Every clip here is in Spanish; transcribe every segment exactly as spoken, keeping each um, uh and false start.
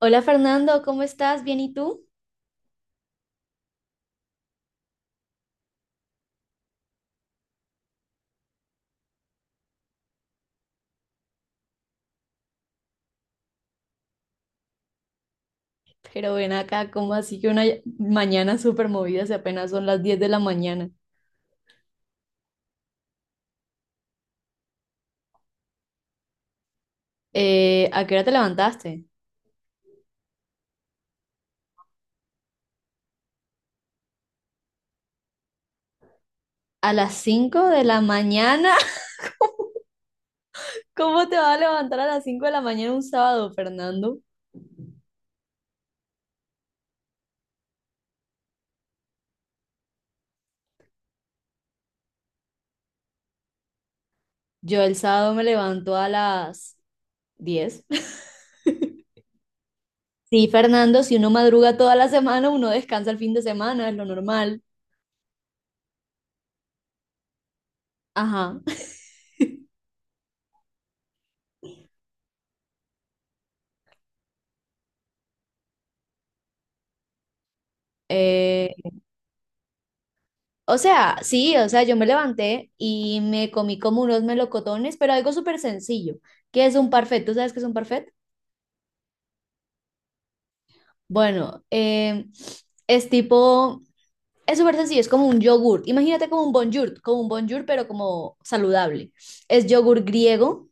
Hola Fernando, ¿cómo estás? ¿Bien y tú? Pero ven acá, ¿cómo así que una mañana súper movida si apenas son las diez de la mañana? Eh, ¿a qué hora te levantaste? ¿A las cinco de la mañana? ¿Cómo te vas a levantar a las cinco de la mañana un sábado, Fernando? Yo el sábado me levanto a las diez. Sí, Fernando, si uno madruga toda la semana, uno descansa el fin de semana, es lo normal. Ajá. Eh, O sea, sí, o sea, yo me levanté y me comí como unos melocotones, pero algo súper sencillo. ¿Qué es un parfait? ¿Tú sabes qué es un parfait? Bueno, eh, es tipo, es súper sencillo, es como un yogur. Imagínate como un bonjour, como un bonjour, pero como saludable. Es yogur griego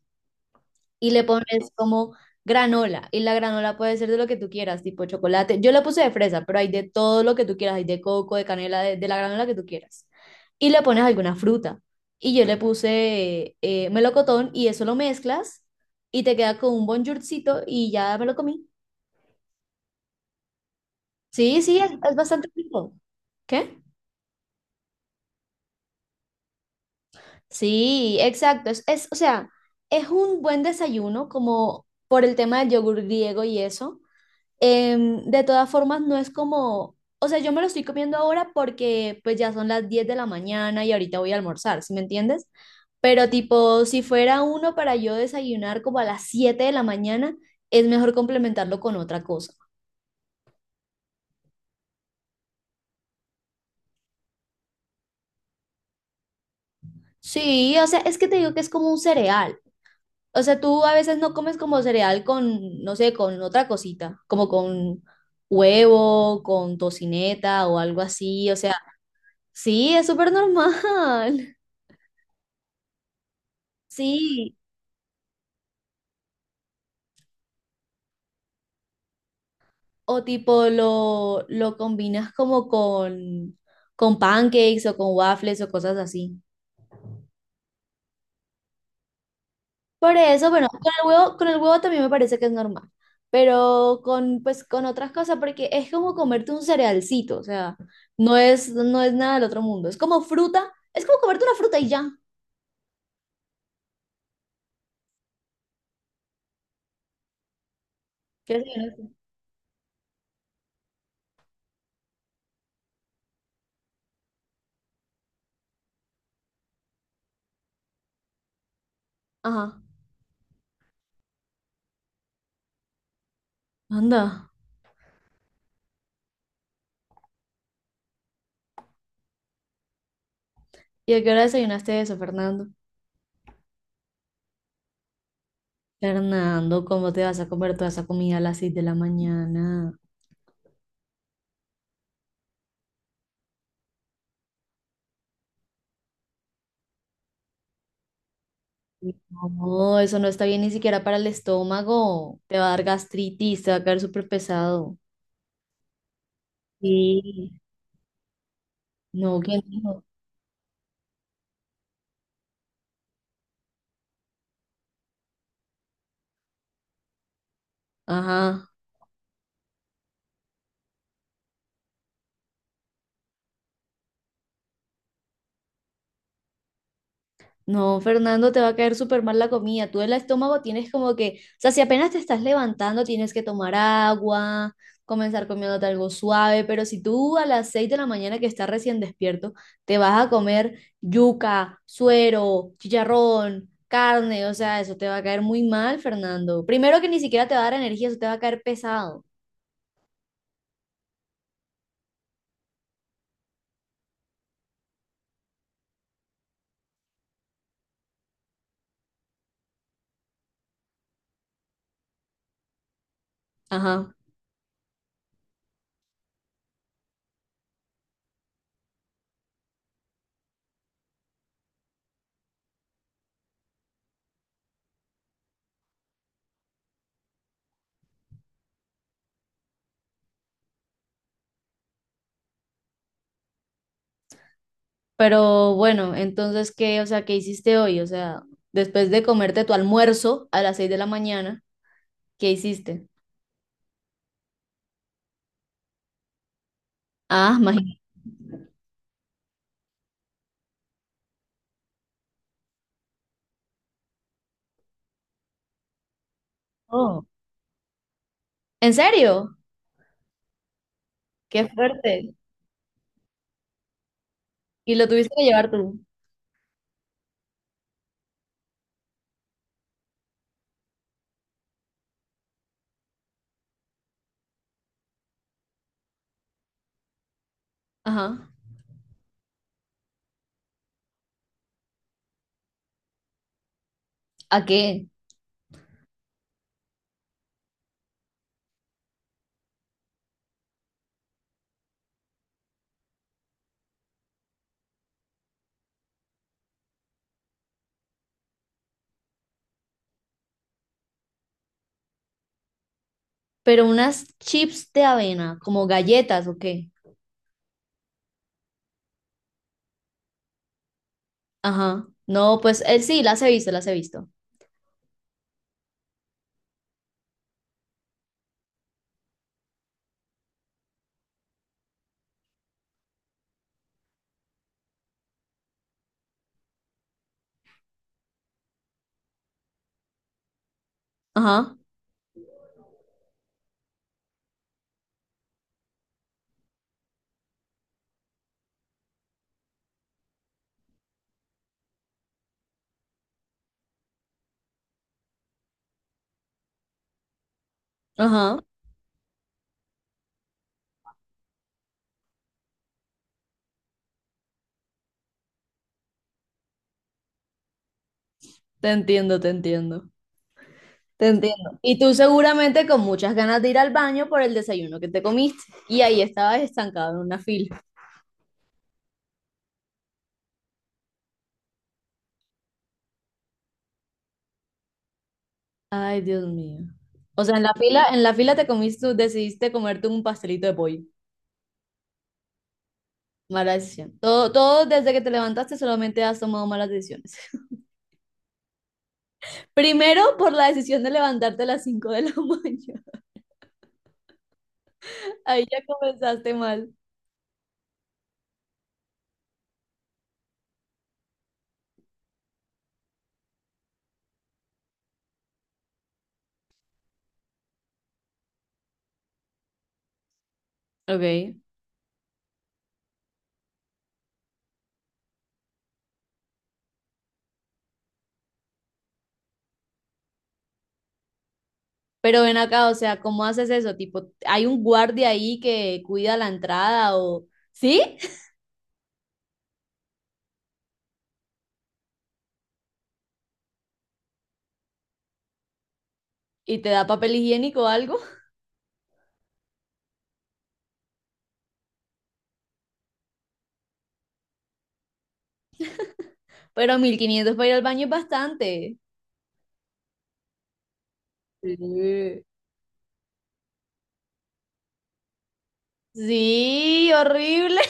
y le pones como granola. Y la granola puede ser de lo que tú quieras, tipo chocolate. Yo le puse de fresa, pero hay de todo lo que tú quieras, hay de coco, de canela, de, de la granola que tú quieras. Y le pones alguna fruta. Y yo le puse eh, melocotón y eso lo mezclas y te queda con un bonjourcito y ya me lo comí. Sí, sí, es, es bastante rico. ¿Qué? Sí, exacto. Es, es, o sea, es un buen desayuno como por el tema del yogur griego y eso. Em, de todas formas, no es como, o sea, yo me lo estoy comiendo ahora porque pues ya son las diez de la mañana y ahorita voy a almorzar, ¿sí me entiendes? Pero tipo, si fuera uno para yo desayunar como a las siete de la mañana, es mejor complementarlo con otra cosa. Sí, o sea, es que te digo que es como un cereal. O sea, tú a veces no comes como cereal con, no sé, con otra cosita, como con huevo, con tocineta o algo así. O sea, sí, es súper normal. Sí. O tipo lo, lo combinas como con, con pancakes o con waffles o cosas así. Por eso, bueno, con el huevo, con el huevo también me parece que es normal. Pero con, pues, con otras cosas, porque es como comerte un cerealcito, o sea, no es, no es nada del otro mundo. Es como fruta, es como comerte una fruta y ya. ¿Qué desayunaste? Ajá, anda. ¿Y a qué hora desayunaste eso, Fernando? Fernando, ¿cómo te vas a comer toda esa comida a las seis de la mañana? No, eso no está bien ni siquiera para el estómago. Te va a dar gastritis, te va a caer súper pesado. Sí. No, ¿quién dijo? Ajá. No, Fernando, te va a caer súper mal la comida. Tú el estómago tienes como que, o sea, si apenas te estás levantando, tienes que tomar agua, comenzar comiéndote algo suave, pero si tú a las seis de la mañana que estás recién despierto, te vas a comer yuca, suero, chicharrón, carne, o sea, eso te va a caer muy mal, Fernando. Primero que ni siquiera te va a dar energía, eso te va a caer pesado. Ajá. Pero bueno, entonces, ¿qué, o sea, qué hiciste hoy? O sea, después de comerte tu almuerzo a las seis de la mañana, ¿qué hiciste? Ah, imagínate. Oh, ¿en serio? Qué fuerte. Y lo tuviste que llevar tú. Ajá. ¿A qué? Pero unas chips de avena, ¿como galletas o qué? Ajá. No, pues él sí, las he visto, las he visto. Ajá, ajá. Te entiendo, te entiendo. Te entiendo. Y tú seguramente con muchas ganas de ir al baño por el desayuno que te comiste. Y ahí estabas estancado en una fila. Ay, Dios mío. O sea, en la fila, en la fila te comiste, decidiste comerte un pastelito de pollo. Mala decisión. Todo, todo desde que te levantaste solamente has tomado malas decisiones. Primero por la decisión de levantarte a las cinco de la mañana. Ahí ya comenzaste mal. Ok. Pero ven acá, o sea, ¿cómo haces eso? Tipo, ¿hay un guardia ahí que cuida la entrada o sí? ¿Y te da papel higiénico o algo? Pero mil quinientos para ir al baño es bastante. Sí. Sí, horrible.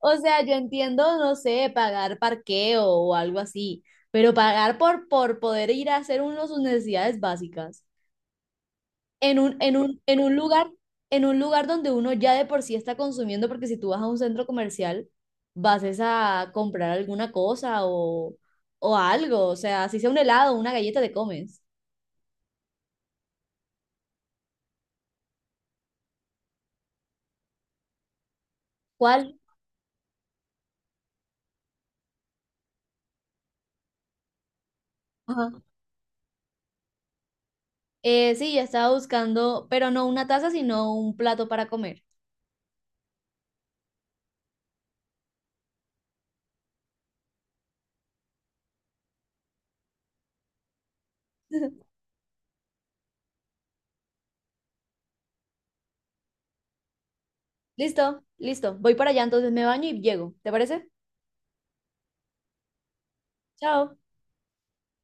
O sea, yo entiendo, no sé, pagar parqueo o algo así, pero pagar por, por poder ir a hacer uno sus necesidades básicas en un, en un, en un lugar, en un lugar donde uno ya de por sí está consumiendo, porque si tú vas a un centro comercial, vas es a comprar alguna cosa o, o algo, o sea, si sea un helado, una galleta te comes. ¿Cuál? Ajá. Eh, sí, ya estaba buscando, pero no una taza, sino un plato para comer. Listo, listo. Voy para allá, entonces me baño y llego. ¿Te parece? Chao.